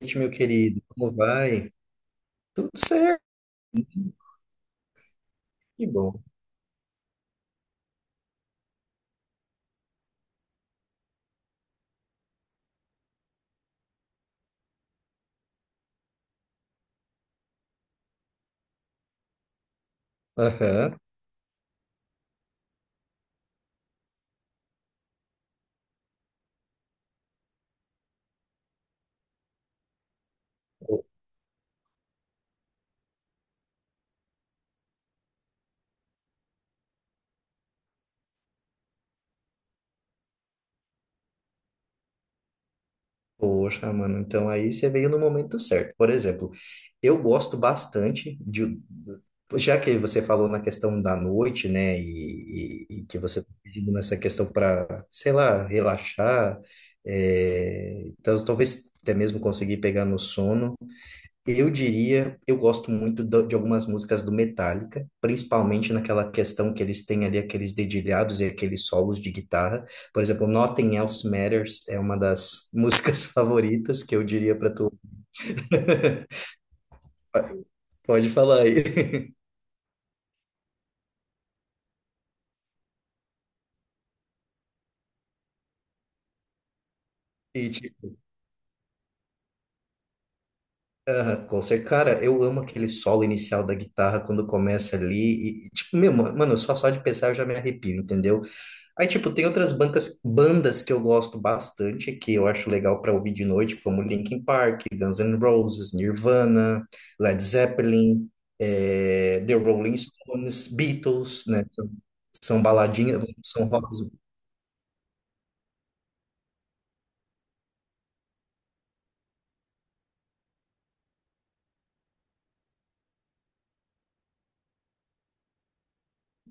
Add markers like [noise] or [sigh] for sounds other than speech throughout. Noite, meu querido. Como vai? Tudo certo, que bom. Aham. Po- Poxa, mano, então aí você veio no momento certo. Por exemplo, eu gosto bastante de. Já que você falou na questão da noite, né, e que você tá pedindo nessa questão para, sei lá, relaxar, é, então talvez até mesmo conseguir pegar no sono. Eu diria, eu gosto muito de algumas músicas do Metallica, principalmente naquela questão que eles têm ali aqueles dedilhados e aqueles solos de guitarra. Por exemplo, Nothing Else Matters é uma das [laughs] músicas favoritas que eu diria para tu. [laughs] Pode falar aí. [laughs] E, tipo, aham, com certeza. Cara, eu amo aquele solo inicial da guitarra quando começa ali. E, tipo, meu, mano, só de pensar eu já me arrepio, entendeu? Aí, tipo, tem outras bandas que eu gosto bastante, que eu acho legal pra ouvir de noite, como Linkin Park, Guns N' Roses, Nirvana, Led Zeppelin, The Rolling Stones, Beatles, né? São baladinhas, são rocks.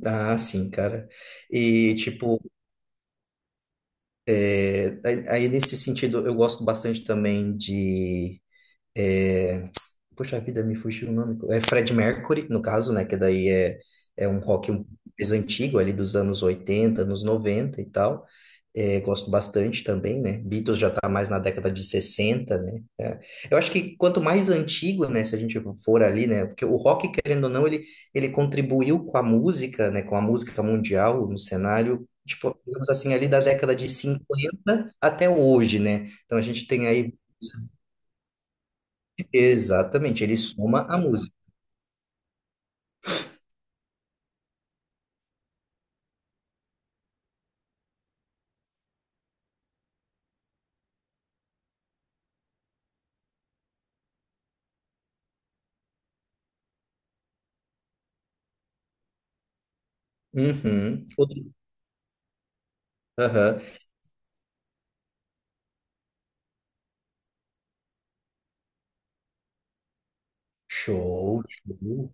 Ah, sim, cara. E, tipo, aí nesse sentido, eu gosto bastante também de. é, Poxa vida, me fugiu o nome. É Fred Mercury, no caso, né? Que daí é um rock mais antigo, ali dos anos 80, anos 90 e tal. É, gosto bastante também, né? Beatles já tá mais na década de 60, né? É. Eu acho que quanto mais antigo, né? Se a gente for ali, né? Porque o rock, querendo ou não, ele contribuiu com a música, né? Com a música mundial no cenário. Tipo, digamos assim, ali da década de 50 até hoje, né? Então a gente tem aí, exatamente, ele soma a música. Uhum. Aham. Show, show.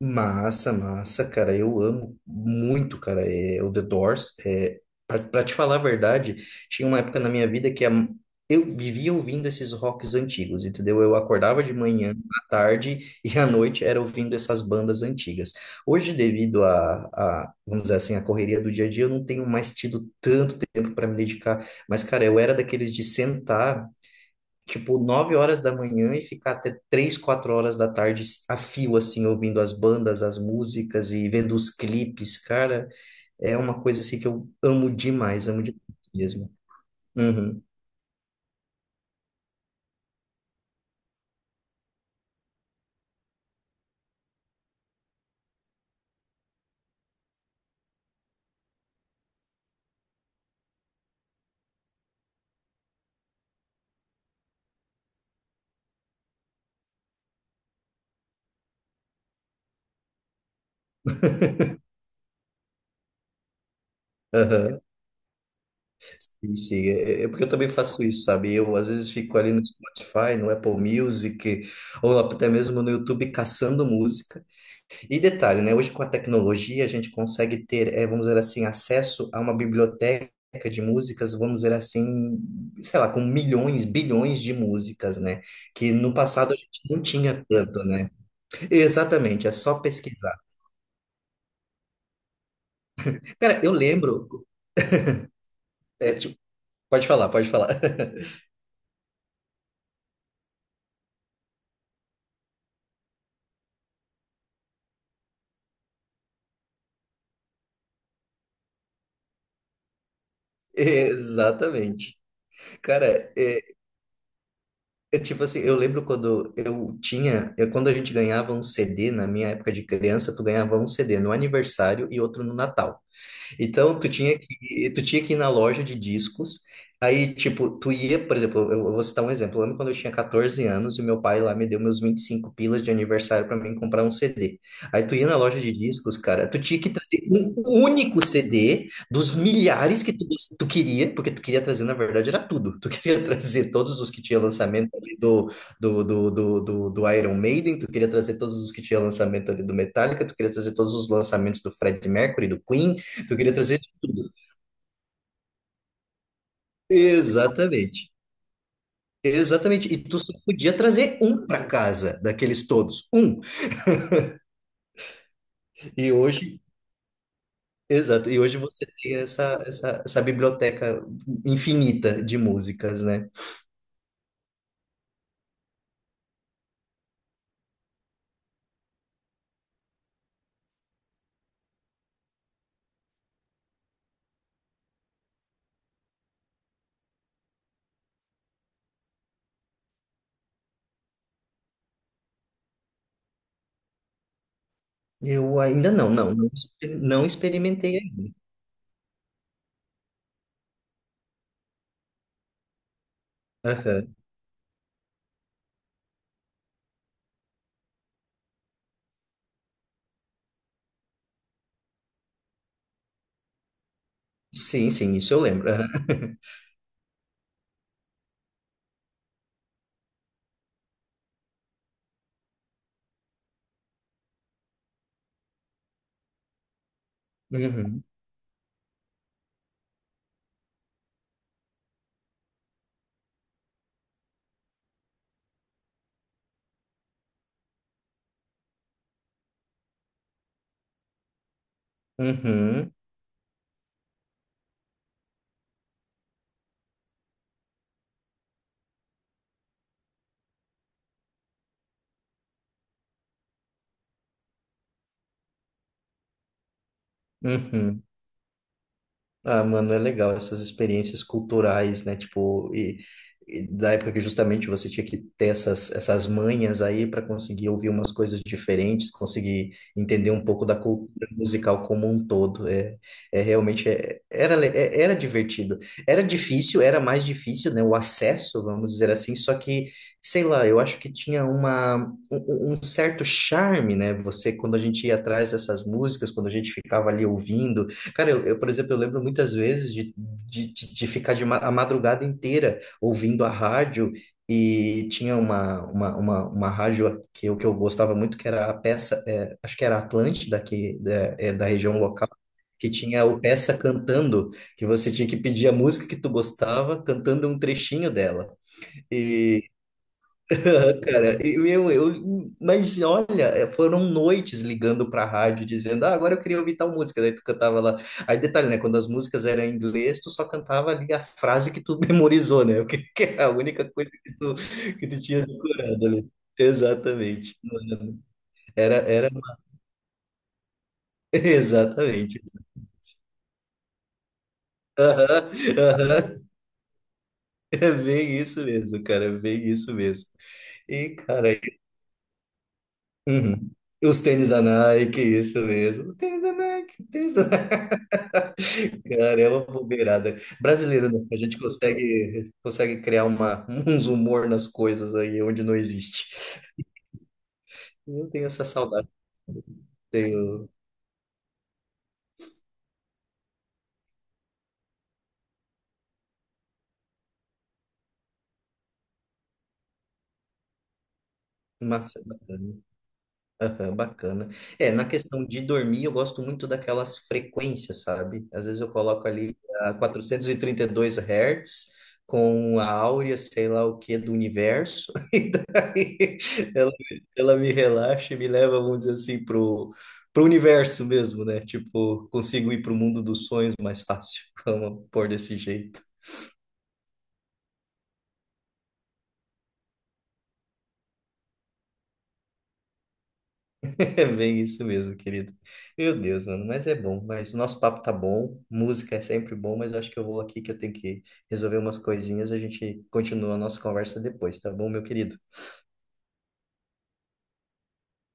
Massa, massa, cara. Eu amo muito, cara. É, o The Doors. É, pra te falar a verdade, tinha uma época na minha vida que eu vivia ouvindo esses rocks antigos, entendeu? Eu acordava de manhã, à tarde [laughs] e à noite era ouvindo essas bandas antigas. Hoje, devido a, vamos dizer assim, a correria do dia a dia, eu não tenho mais tido tanto tempo para me dedicar. Mas, cara, eu era daqueles de sentar. Tipo, 9 horas da manhã e ficar até 3 4 horas da tarde a fio, assim, ouvindo as bandas, as músicas e vendo os clipes, cara, é uma coisa, assim, que eu amo demais mesmo. Uhum. Aham. Sim, sim. É, é porque eu também faço isso, sabe? Eu às vezes fico ali no Spotify, no Apple Music, ou até mesmo no YouTube caçando música. E detalhe, né? Hoje com a tecnologia a gente consegue ter, vamos dizer assim, acesso a uma biblioteca de músicas, vamos dizer assim, sei lá, com milhões, bilhões de músicas, né? Que no passado a gente não tinha tanto, né? Exatamente, é só pesquisar. Cara, eu lembro, é, tipo, pode falar, pode falar. [laughs] Exatamente. Cara, é, é tipo assim, eu lembro quando quando a gente ganhava um CD, na minha época de criança, tu ganhava um CD no aniversário e outro no Natal. Então, tu tinha que ir na loja de discos. Aí, tipo, tu ia, por exemplo, eu vou citar um exemplo. Eu lembro quando eu tinha 14 anos e meu pai lá me deu meus 25 pilas de aniversário para mim comprar um CD. Aí tu ia na loja de discos, cara, tu tinha que trazer um único CD dos milhares que tu, tu queria, porque tu queria trazer, na verdade, era tudo. Tu [laughs] queria trazer todos os que tinha lançamento ali do Iron Maiden, tu queria trazer todos os que tinha lançamento ali do Metallica, tu queria trazer todos os lançamentos do Freddie Mercury, do Queen, tu queria trazer tudo. Exatamente. Exatamente. E tu só podia trazer um para casa, daqueles todos. Um. E hoje, exato. E hoje você tem essa, essa, essa biblioteca infinita de músicas, né? Eu ainda não, não, não, não experimentei ainda. Aham. Sim, sim, isso eu lembro. Aham. [laughs] Uhum, uhum, uhum. Ah, mano, é legal essas experiências culturais, né? Tipo, e da época que justamente você tinha que ter essas, essas manhas aí para conseguir ouvir umas coisas diferentes, conseguir entender um pouco da cultura musical como um todo. É, realmente era, era divertido. Era difícil, era mais difícil, né? O acesso, vamos dizer assim, só que, sei lá, eu acho que tinha uma, um, um um certo charme, né? Você, quando a gente ia atrás dessas músicas, quando a gente ficava ali ouvindo. Cara, eu, por exemplo, eu lembro muitas vezes de, de ficar de ma a madrugada inteira ouvindo a rádio e tinha uma rádio que eu gostava muito, que era a peça, é, acho que era Atlântida, que, da, é, da região local, que tinha o peça cantando, que você tinha que pedir a música que tu gostava, cantando um trechinho dela. [laughs] Ah, cara, e, meu, eu, mas olha, é, foram noites ligando pra rádio dizendo, ah, agora eu queria ouvir tal música, daí tu cantava lá. Aí detalhe, né, quando as músicas eram em inglês, tu só cantava ali a frase que tu [laughs] memorizou, né, porque que é a única coisa que tu tinha decorado ali. Exatamente. Mano, Era, [laughs] exatamente. Aham, aham. [laughs] É bem isso mesmo, cara, é bem isso mesmo. E, cara. Uhum. Os tênis da Nike, isso mesmo. Tênis da Nike, tênis da. [laughs] Cara, é uma bobeirada. Brasileiro, né? A gente consegue, consegue criar uma, uns humor nas coisas aí onde não existe. Eu tenho essa saudade. Tenho uma. Aham, bacana. É, na questão de dormir, eu gosto muito daquelas frequências, sabe? Às vezes eu coloco ali a quatrocentos e trinta e dois Hz com a áurea, sei lá o que, do universo, [laughs] e daí ela, ela me relaxa e me leva, vamos dizer assim, pro universo mesmo, né? Tipo, consigo ir pro mundo dos sonhos mais fácil, [laughs] vamos pôr desse jeito. [laughs] É bem isso mesmo, querido. Meu Deus, mano, mas é bom. Mas o nosso papo tá bom, música é sempre bom, mas eu acho que eu vou aqui que eu tenho que resolver umas coisinhas. A gente continua a nossa conversa depois, tá bom, meu querido?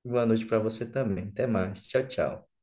Boa noite pra você também. Até mais. Tchau, tchau.